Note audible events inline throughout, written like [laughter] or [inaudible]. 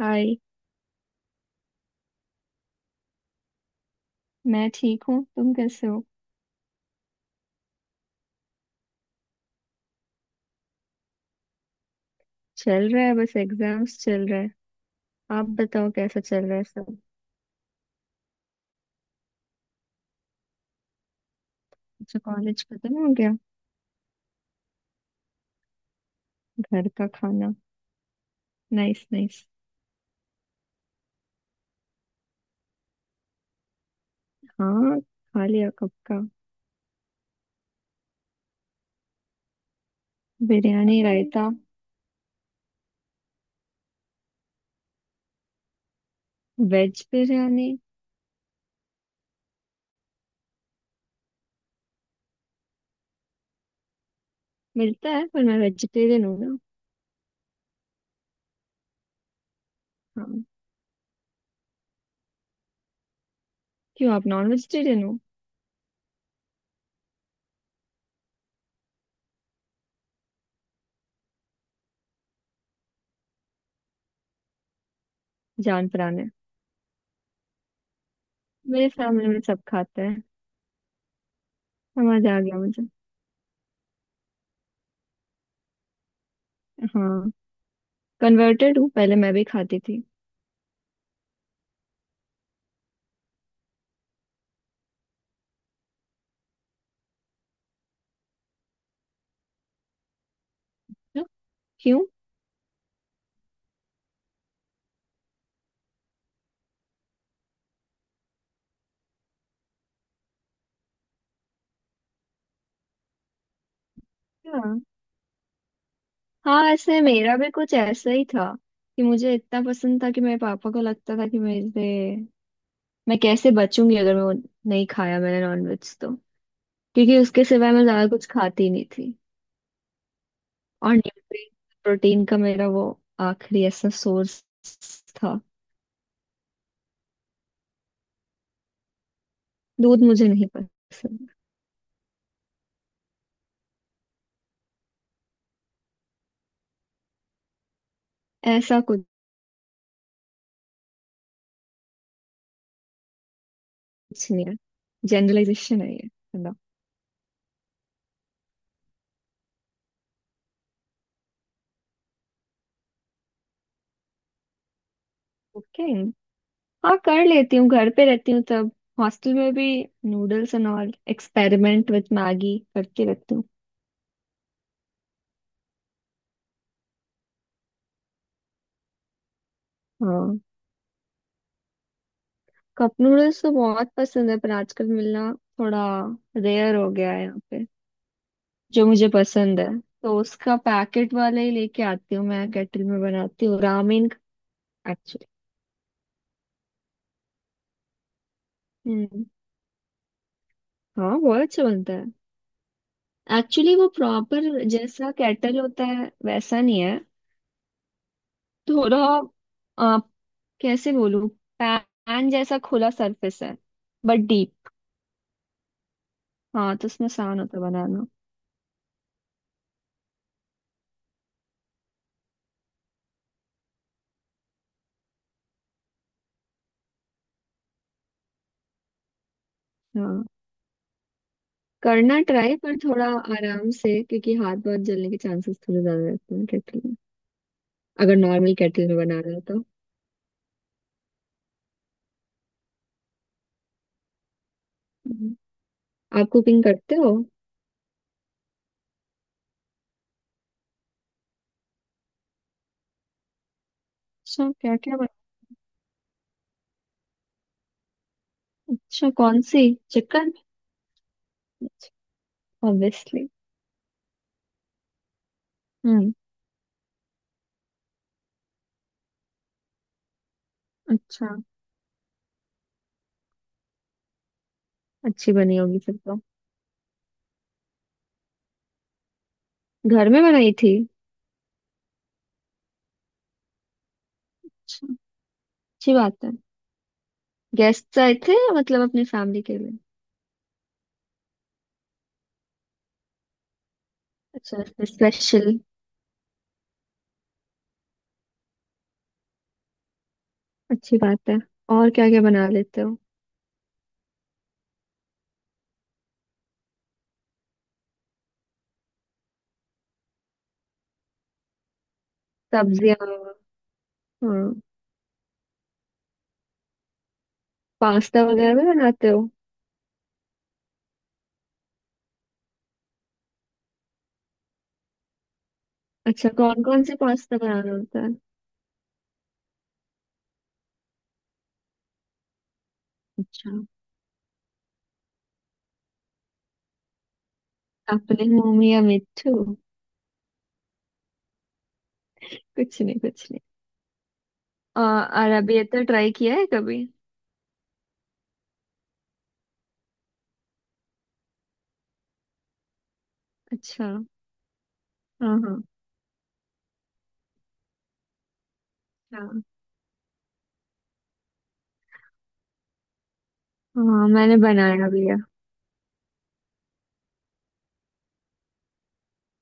हाय। मैं ठीक हूँ, तुम कैसे हो। चल रहा है, बस एग्जाम्स चल रहा है। आप बताओ कैसा चल रहा है सब। अच्छा कॉलेज खत्म हो गया। घर का खाना। Nice nice. हाँ खा लिया कब का। बिरयानी रायता। वेज बिरयानी। मिलता है पर मैं वेजिटेरियन हूँ ना। हाँ। क्यों आप नॉन वेजिटेरियन हो। जान पराने। मेरे फैमिली में सब खाते हैं। समझ आ गया मुझे। हाँ कन्वर्टेड हूँ, पहले मैं भी खाती थी। क्यों। हाँ ऐसे मेरा भी कुछ ऐसा ही था कि मुझे इतना पसंद था कि मेरे पापा को लगता था कि मेरे मैं कैसे बचूंगी अगर मैं वो नहीं खाया मैंने नॉनवेज तो। क्योंकि उसके सिवाय मैं ज्यादा कुछ खाती ही नहीं थी। और न्यूट्रिएंट प्रोटीन का मेरा वो आखिरी ऐसा सोर्स था। दूध मुझे नहीं पसंद। ऐसा कुछ नहीं है, जनरलाइजेशन है ये। ओके। हाँ कर लेती हूँ, घर पे रहती हूँ तब। हॉस्टल में भी noodles and all experiment with Maggi करती रहती हूँ। हाँ। कप नूडल्स तो बहुत पसंद है पर आजकल मिलना थोड़ा रेयर हो गया है यहाँ पे, जो मुझे पसंद है। तो उसका पैकेट वाले ही लेके आती हूँ, मैं केटल में बनाती हूँ रामेन, एक्चुअली। हम्म। हाँ बहुत अच्छा बनता है। एक्चुअली वो प्रॉपर जैसा केटल होता है वैसा नहीं है। थोड़ा आ, कैसे बोलूँ। पैन जैसा खुला सरफेस है बट डीप। हाँ तो उसमें आसान होता है बनाना। हाँ करना ट्राई पर थोड़ा आराम से, क्योंकि हाथ बहुत जलने के चांसेस थोड़े ज्यादा रहते हैं केटल में, अगर नॉर्मल केटल में बना रहे हो तो। हम्म। आप कुकिंग करते हो। अच्छा क्या क्या बन। अच्छा कौन सी। Chicken obviously. हम्म। अच्छा। अच्छी बनी होगी फिर तो। घर में बनाई थी। अच्छा। अच्छी बात है। गेस्ट आए थे या मतलब अपने फैमिली के लिए। अच्छा। स्पेशल। अच्छी बात है। और क्या क्या बना लेते हो। सब्जियां। हाँ। पास्ता वगैरह भी बनाते हो। अच्छा कौन कौन से पास्ता बनाना होता है। अच्छा। अपने मुंह में या मिट्ठू। कुछ नहीं कुछ नहीं। अरबियता ट्राई किया है कभी। अच्छा हाँ। हाँ। हाँ। हाँ मैंने बनाया भी है।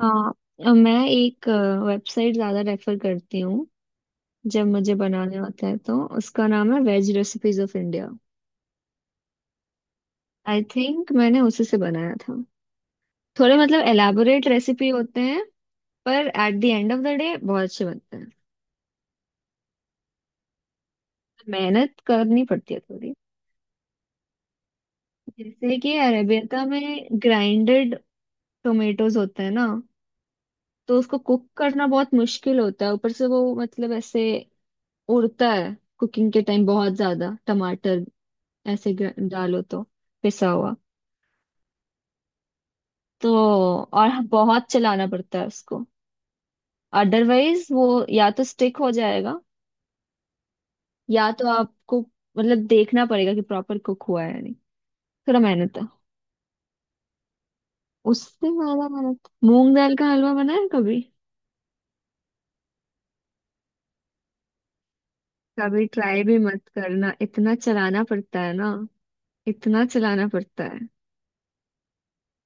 हाँ मैं एक वेबसाइट ज्यादा रेफर करती हूँ, जब मुझे बनाने होता है, तो उसका नाम है veg recipes of India. I think मैंने उसी से बनाया था। थोड़े मतलब एलाबोरेट रेसिपी होते हैं पर at the end of the day बहुत अच्छे बनते हैं। मेहनत करनी पड़ती है थोड़ी। जैसे कि अरेबियता में ग्राइंडेड टोमेटोज होते हैं ना, तो उसको कुक करना बहुत मुश्किल होता है, ऊपर से वो मतलब ऐसे उड़ता है कुकिंग के टाइम बहुत ज्यादा टमाटर। ऐसे डालो तो पिसा हुआ तो। और बहुत चलाना पड़ता है उसको, अदरवाइज वो या तो स्टिक हो जाएगा या तो आपको मतलब देखना पड़ेगा कि प्रॉपर कुक हुआ है या नहीं। थोड़ा मेहनत है। उससे ज्यादा मेहनत मूंग दाल का हलवा, बनाया है कभी। कभी ट्राई भी मत करना, इतना चलाना पड़ता है ना, इतना चलाना पड़ता है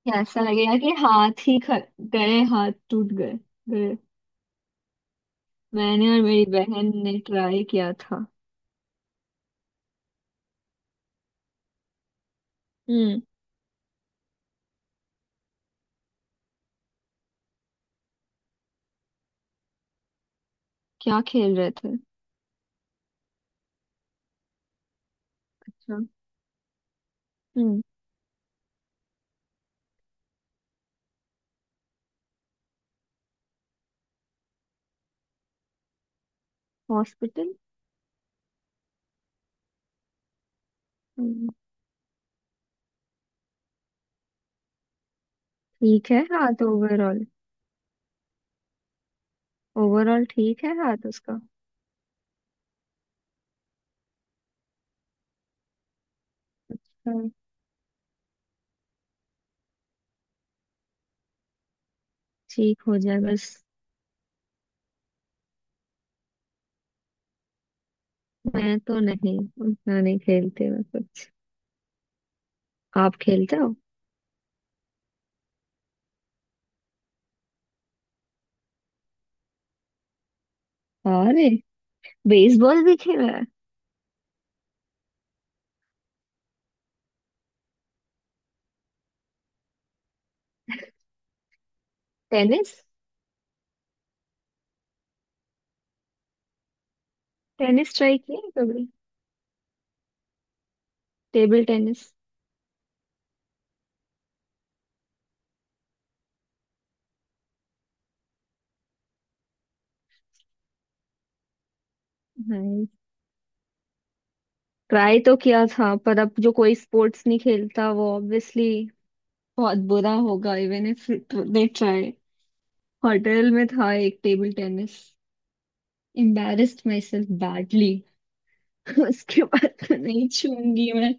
कि ऐसा लगेगा कि गए, हाथ टूट गए गए। मैंने और मेरी बहन ने ट्राई किया था। हम्म। क्या खेल रहे थे। अच्छा। हम्म। हॉस्पिटल। हम्म। ठीक है हाथ ओवरऑल, ओवरऑल ठीक है हाथ उसका। हाँ। ठीक हो जाए बस। मैं तो नहीं, उतना नहीं खेलते मैं कुछ। आप खेलते हो। अरे बेसबॉल भी खेला है। टेनिस। टेनिस ट्राई किया है कभी। Table tennis. नहीं ट्राई तो किया था पर अब जो कोई स्पोर्ट्स नहीं खेलता वो ऑब्वियसली बहुत बुरा होगा even if they try. Hotel में था एक table tennis, embarrassed myself badly. [laughs] उसके बाद तो नहीं छूंगी मैं।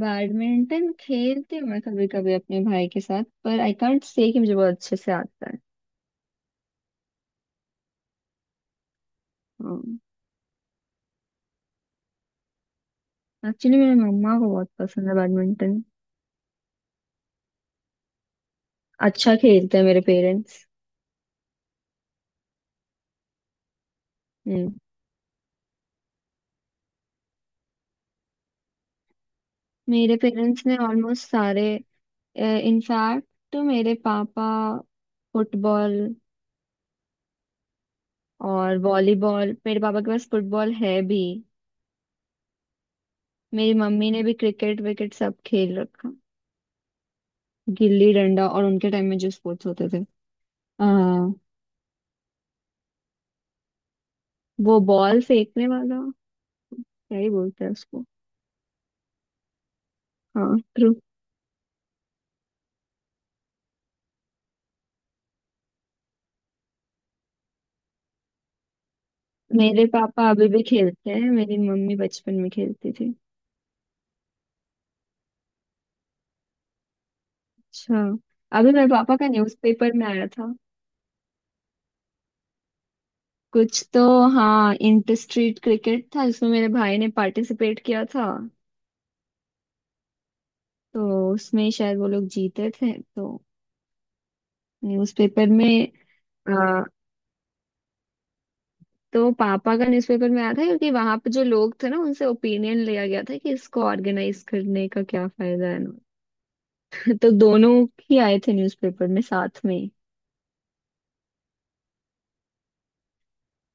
बैडमिंटन खेलती हूँ मैं कभी कभी अपने भाई के साथ, पर आई कांट से कि मुझे बहुत अच्छे से आता है। एक्चुअली मेरे मम्मा को बहुत पसंद है बैडमिंटन। अच्छा खेलते हैं मेरे पेरेंट्स। मेरे पेरेंट्स ने ऑलमोस्ट सारे इनफैक्ट, तो मेरे पापा फुटबॉल और वॉलीबॉल, मेरे पापा के पास फुटबॉल है भी। मेरी मम्मी ने भी क्रिकेट विकेट सब खेल रखा, गिल्ली डंडा, और उनके टाइम में जो स्पोर्ट्स होते थे, आ, वो बॉल फेंकने वाला क्या ही बोलते हैं उसको। हाँ ट्रू। मेरे पापा अभी भी खेलते हैं, मेरी मम्मी बचपन में खेलती थी। अच्छा। अभी मेरे पापा का न्यूज़पेपर में आया था कुछ तो। हाँ इंटर स्ट्रीट क्रिकेट था जिसमें मेरे भाई ने पार्टिसिपेट किया था, तो उसमें शायद वो लोग जीते थे, तो न्यूज़पेपर में आ, तो पापा का न्यूज़पेपर में आया था क्योंकि वहां पे जो लोग थे ना उनसे ओपिनियन लिया गया था कि इसको ऑर्गेनाइज करने का क्या फायदा है ना। तो दोनों ही आए थे न्यूज़पेपर में साथ में ही।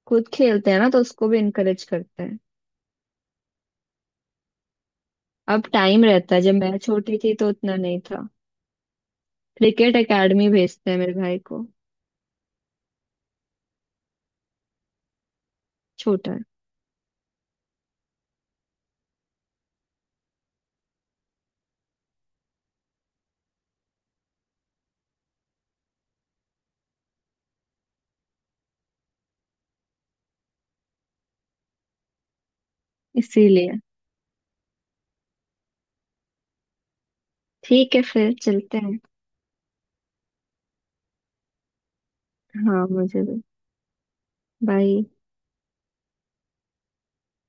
खुद खेलते हैं ना तो उसको भी इनकरेज करते हैं। अब टाइम रहता है, जब मैं छोटी थी तो उतना नहीं था। क्रिकेट एकेडमी भेजते हैं मेरे भाई को। छोटा है। इसीलिए ठीक है फिर चलते हैं। हाँ मुझे भी। बाय।